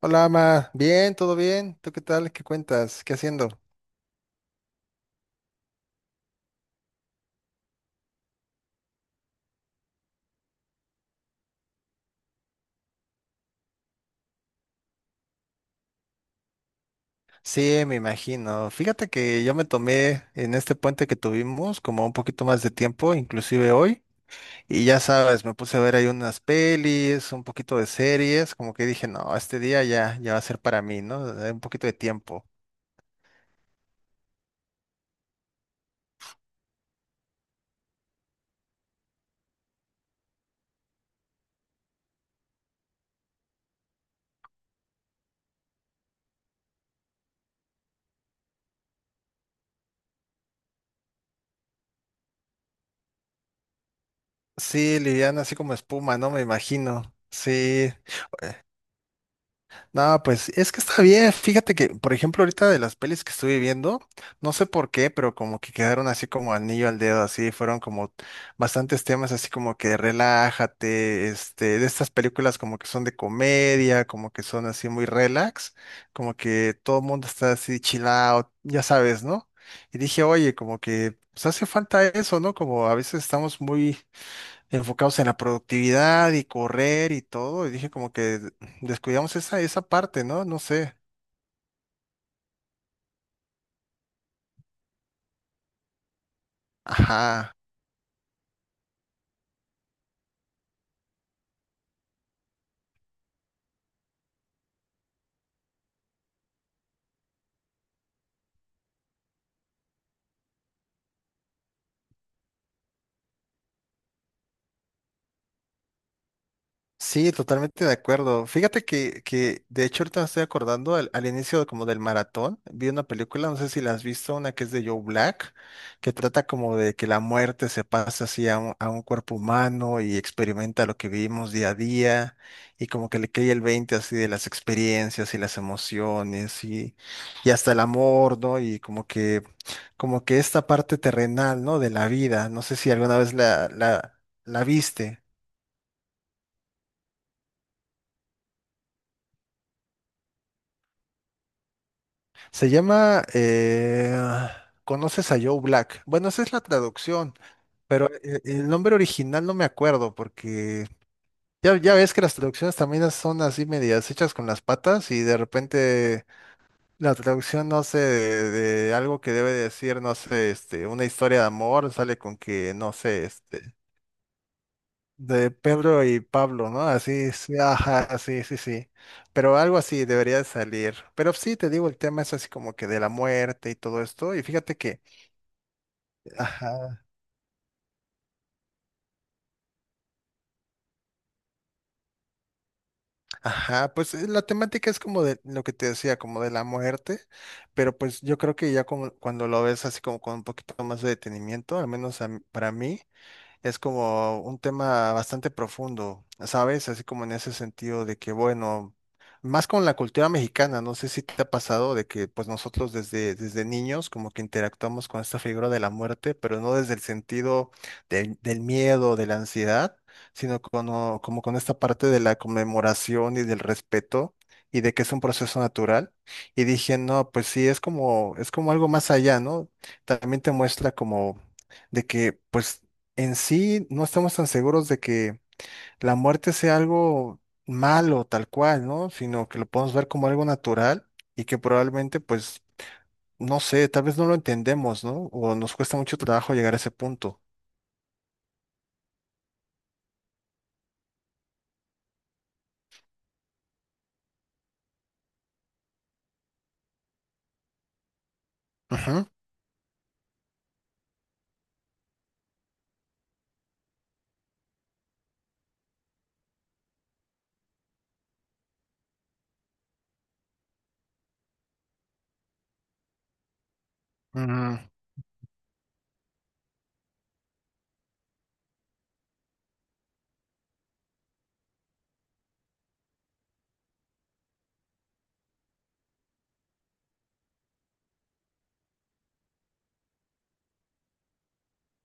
Hola, Ama. Bien, todo bien. ¿Tú qué tal? ¿Qué cuentas? ¿Qué haciendo? Sí, me imagino. Fíjate que yo me tomé en este puente que tuvimos como un poquito más de tiempo, inclusive hoy. Y ya sabes, me puse a ver ahí unas pelis, un poquito de series, como que dije, no, este día ya, ya va a ser para mí, ¿no? Un poquito de tiempo. Sí, liviana, así como espuma, ¿no? Me imagino. Sí, no, pues es que está bien. Fíjate que, por ejemplo, ahorita de las pelis que estuve viendo, no sé por qué, pero como que quedaron así como anillo al dedo, así fueron como bastantes temas así como que relájate, de estas películas como que son de comedia, como que son así muy relax, como que todo el mundo está así chill out, ya sabes, ¿no? Y dije, oye, como que pues hace falta eso, ¿no? Como a veces estamos muy enfocados en la productividad y correr y todo, y dije como que descuidamos esa parte, ¿no? No sé. Ajá. Sí, totalmente de acuerdo. Fíjate que de hecho ahorita me estoy acordando al inicio como del maratón, vi una película, no sé si la has visto, una que es de Joe Black, que trata como de que la muerte se pasa así a un cuerpo humano y experimenta lo que vivimos día a día y como que le cae el 20 así de las experiencias y las emociones y hasta el amor, ¿no? Y como que esta parte terrenal, ¿no? De la vida, no sé si alguna vez la viste. Se llama, ¿conoces a Joe Black? Bueno, esa es la traducción, pero el nombre original no me acuerdo porque ya, ya ves que las traducciones también son así medias hechas con las patas y de repente la traducción, no sé, de algo que debe decir, no sé, una historia de amor, sale con que, no sé, de Pedro y Pablo, ¿no? Así, sí, ajá, sí, sí, sí. Pero algo así debería de salir. Pero sí, te digo, el tema es así como que de la muerte y todo esto. Y fíjate que, ajá, ajá, pues la temática es como de lo que te decía, como de la muerte. Pero pues yo creo que ya como cuando lo ves así como con un poquito más de detenimiento, al menos para mí es como un tema bastante profundo, ¿sabes? Así como en ese sentido de que, bueno, más con la cultura mexicana, no sé si te ha pasado de que pues nosotros desde, desde niños como que interactuamos con esta figura de la muerte, pero no desde el sentido del, del miedo, de la ansiedad, sino como, como con esta parte de la conmemoración y del respeto. Y de que es un proceso natural. Y dije, no, pues sí, es como algo más allá, ¿no? También te muestra como de que, pues, en sí no estamos tan seguros de que la muerte sea algo malo tal cual, ¿no? Sino que lo podemos ver como algo natural y que probablemente, pues, no sé, tal vez no lo entendemos, ¿no? O nos cuesta mucho trabajo llegar a ese punto. Ujú. Mm.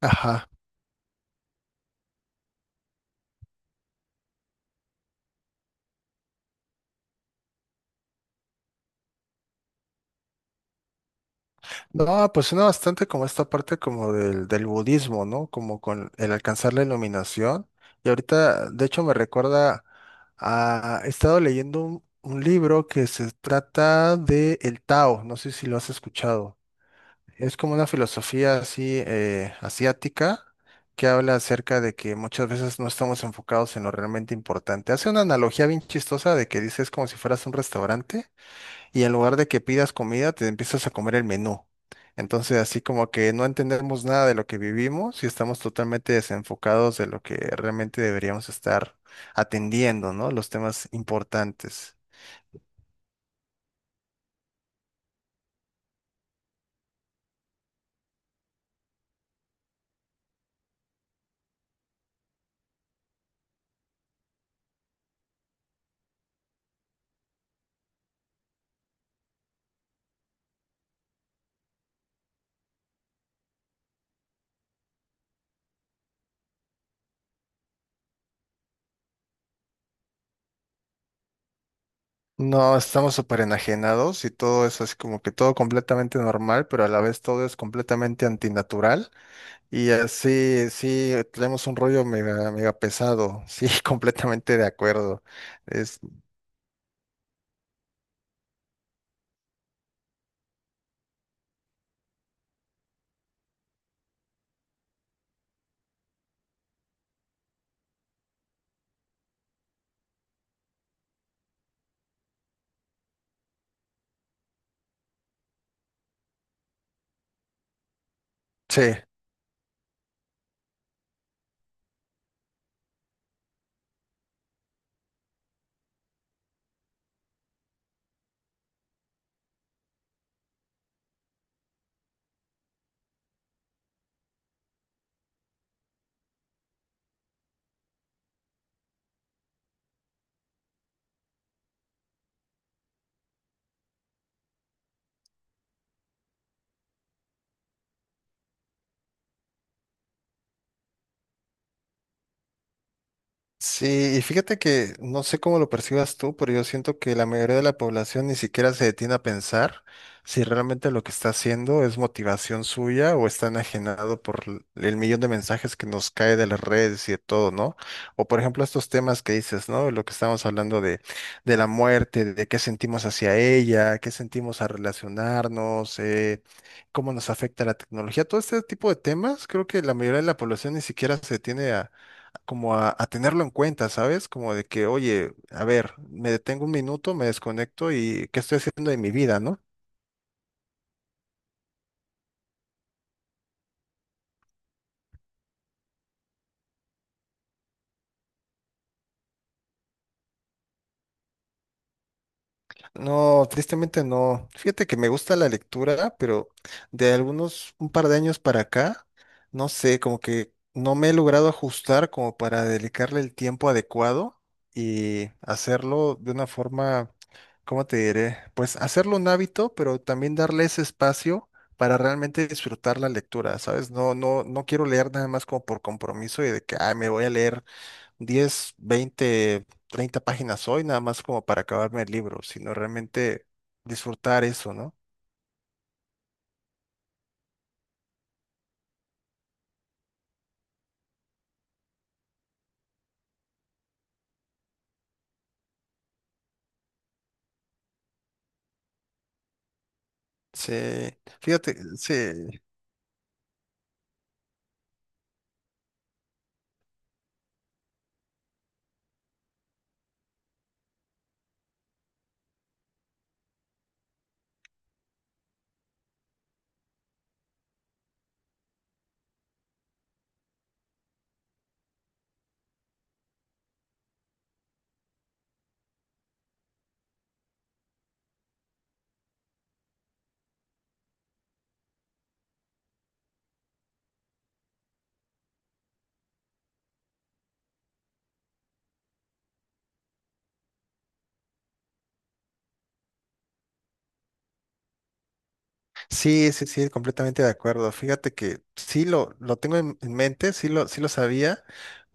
Ajá. No, pues suena bastante como esta parte como del, del budismo, ¿no? Como con el alcanzar la iluminación. Y ahorita, de hecho, me recuerda a... He estado leyendo un libro que se trata de el Tao, no sé si lo has escuchado. Es como una filosofía así asiática que habla acerca de que muchas veces no estamos enfocados en lo realmente importante. Hace una analogía bien chistosa de que dices como si fueras un restaurante y en lugar de que pidas comida, te empiezas a comer el menú. Entonces, así como que no entendemos nada de lo que vivimos y estamos totalmente desenfocados de lo que realmente deberíamos estar atendiendo, ¿no? Los temas importantes. No, estamos súper enajenados y todo es así como que todo completamente normal, pero a la vez todo es completamente antinatural. Y así, sí, tenemos un rollo mega, mega pesado. Sí, completamente de acuerdo. Es, sí. Sí, y fíjate que no sé cómo lo percibas tú, pero yo siento que la mayoría de la población ni siquiera se detiene a pensar si realmente lo que está haciendo es motivación suya o está enajenado por el millón de mensajes que nos cae de las redes y de todo, ¿no? O por ejemplo estos temas que dices, ¿no? Lo que estamos hablando de la muerte, de qué sentimos hacia ella, qué sentimos al relacionarnos, cómo nos afecta la tecnología, todo este tipo de temas, creo que la mayoría de la población ni siquiera se detiene a como a tenerlo en cuenta, ¿sabes? Como de que, oye, a ver, me detengo un minuto, me desconecto y ¿qué estoy haciendo de mi vida, no? No, tristemente no. Fíjate que me gusta la lectura, pero de algunos un par de años para acá, no sé, como que no me he logrado ajustar como para dedicarle el tiempo adecuado y hacerlo de una forma, ¿cómo te diré? Pues hacerlo un hábito, pero también darle ese espacio para realmente disfrutar la lectura, ¿sabes? No, no, no quiero leer nada más como por compromiso y de que, ah, me voy a leer 10, 20, 30 páginas hoy, nada más como para acabarme el libro, sino realmente disfrutar eso, ¿no? Sí, fíjate, sí, sí, sí, sí, completamente de acuerdo. Fíjate que sí lo tengo en mente, sí lo sabía,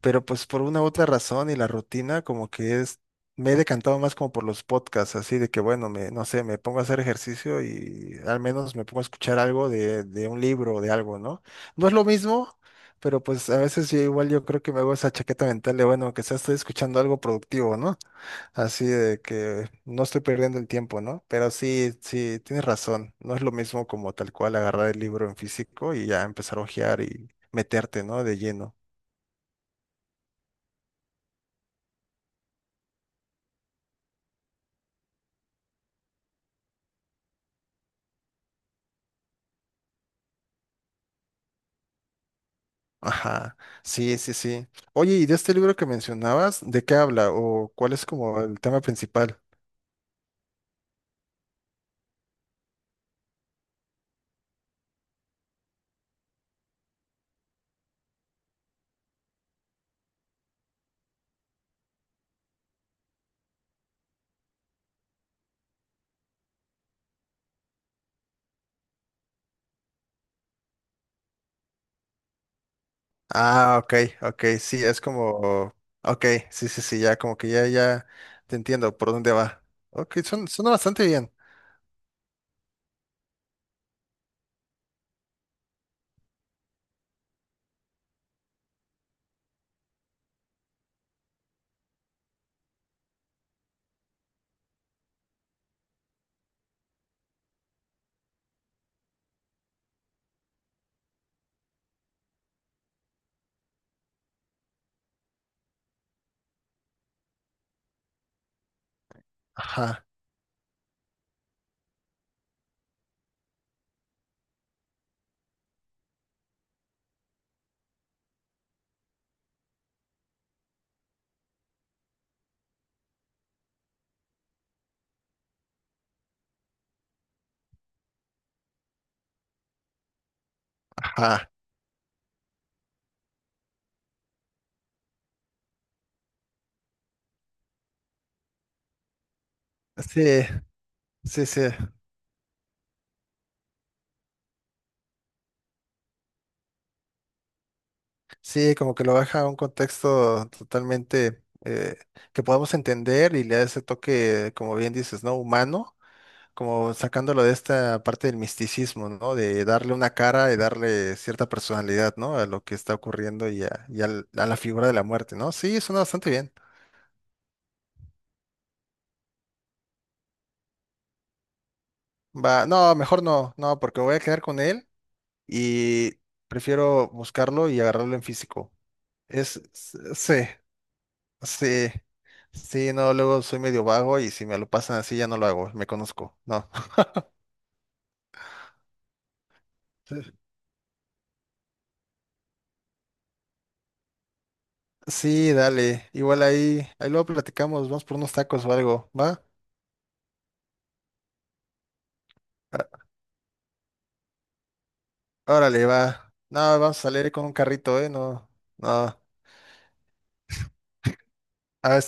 pero pues por una u otra razón y la rutina como que es, me he decantado más como por los podcasts, así de que bueno, me, no sé, me pongo a hacer ejercicio y al menos me pongo a escuchar algo de un libro o de algo, ¿no? No es lo mismo, pero pues a veces yo igual yo creo que me hago esa chaqueta mental de bueno, que sea estoy escuchando algo productivo, ¿no? Así de que no estoy perdiendo el tiempo, ¿no? Pero sí, sí, tienes razón. No es lo mismo como tal cual agarrar el libro en físico y ya empezar a hojear y meterte, ¿no? De lleno. Ajá, sí, sí, sí. Oye, ¿y de este libro que mencionabas, de qué habla o cuál es como el tema principal? Ah, ok, ok, sí, es como, ok, sí, sí, sí, ya como que ya, ya te entiendo por dónde va. Ok, son, suena bastante bien. Ajá, ajá, sí, sí, sí. Sí, como que lo baja a un contexto totalmente que podamos entender y le da ese toque, como bien dices, ¿no? Humano, como sacándolo de esta parte del misticismo, ¿no? De darle una cara y darle cierta personalidad, ¿no? A lo que está ocurriendo y a, a la figura de la muerte, ¿no? Sí, suena bastante bien. Va, no, mejor no, no, porque voy a quedar con él y prefiero buscarlo y agarrarlo en físico. Es, sí. Sí, sí, no, luego soy medio vago y si me lo pasan así ya no lo hago, me conozco, no. Sí, sí, dale, igual ahí, ahí luego platicamos, vamos por unos tacos o algo, ¿va? Ah, órale, va. No, vamos a salir con un carrito, ¿eh? No, no. A ver,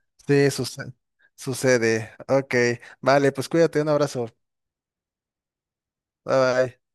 sí, sucede. Sucede. Ok, vale, pues cuídate, un abrazo. Bye bye.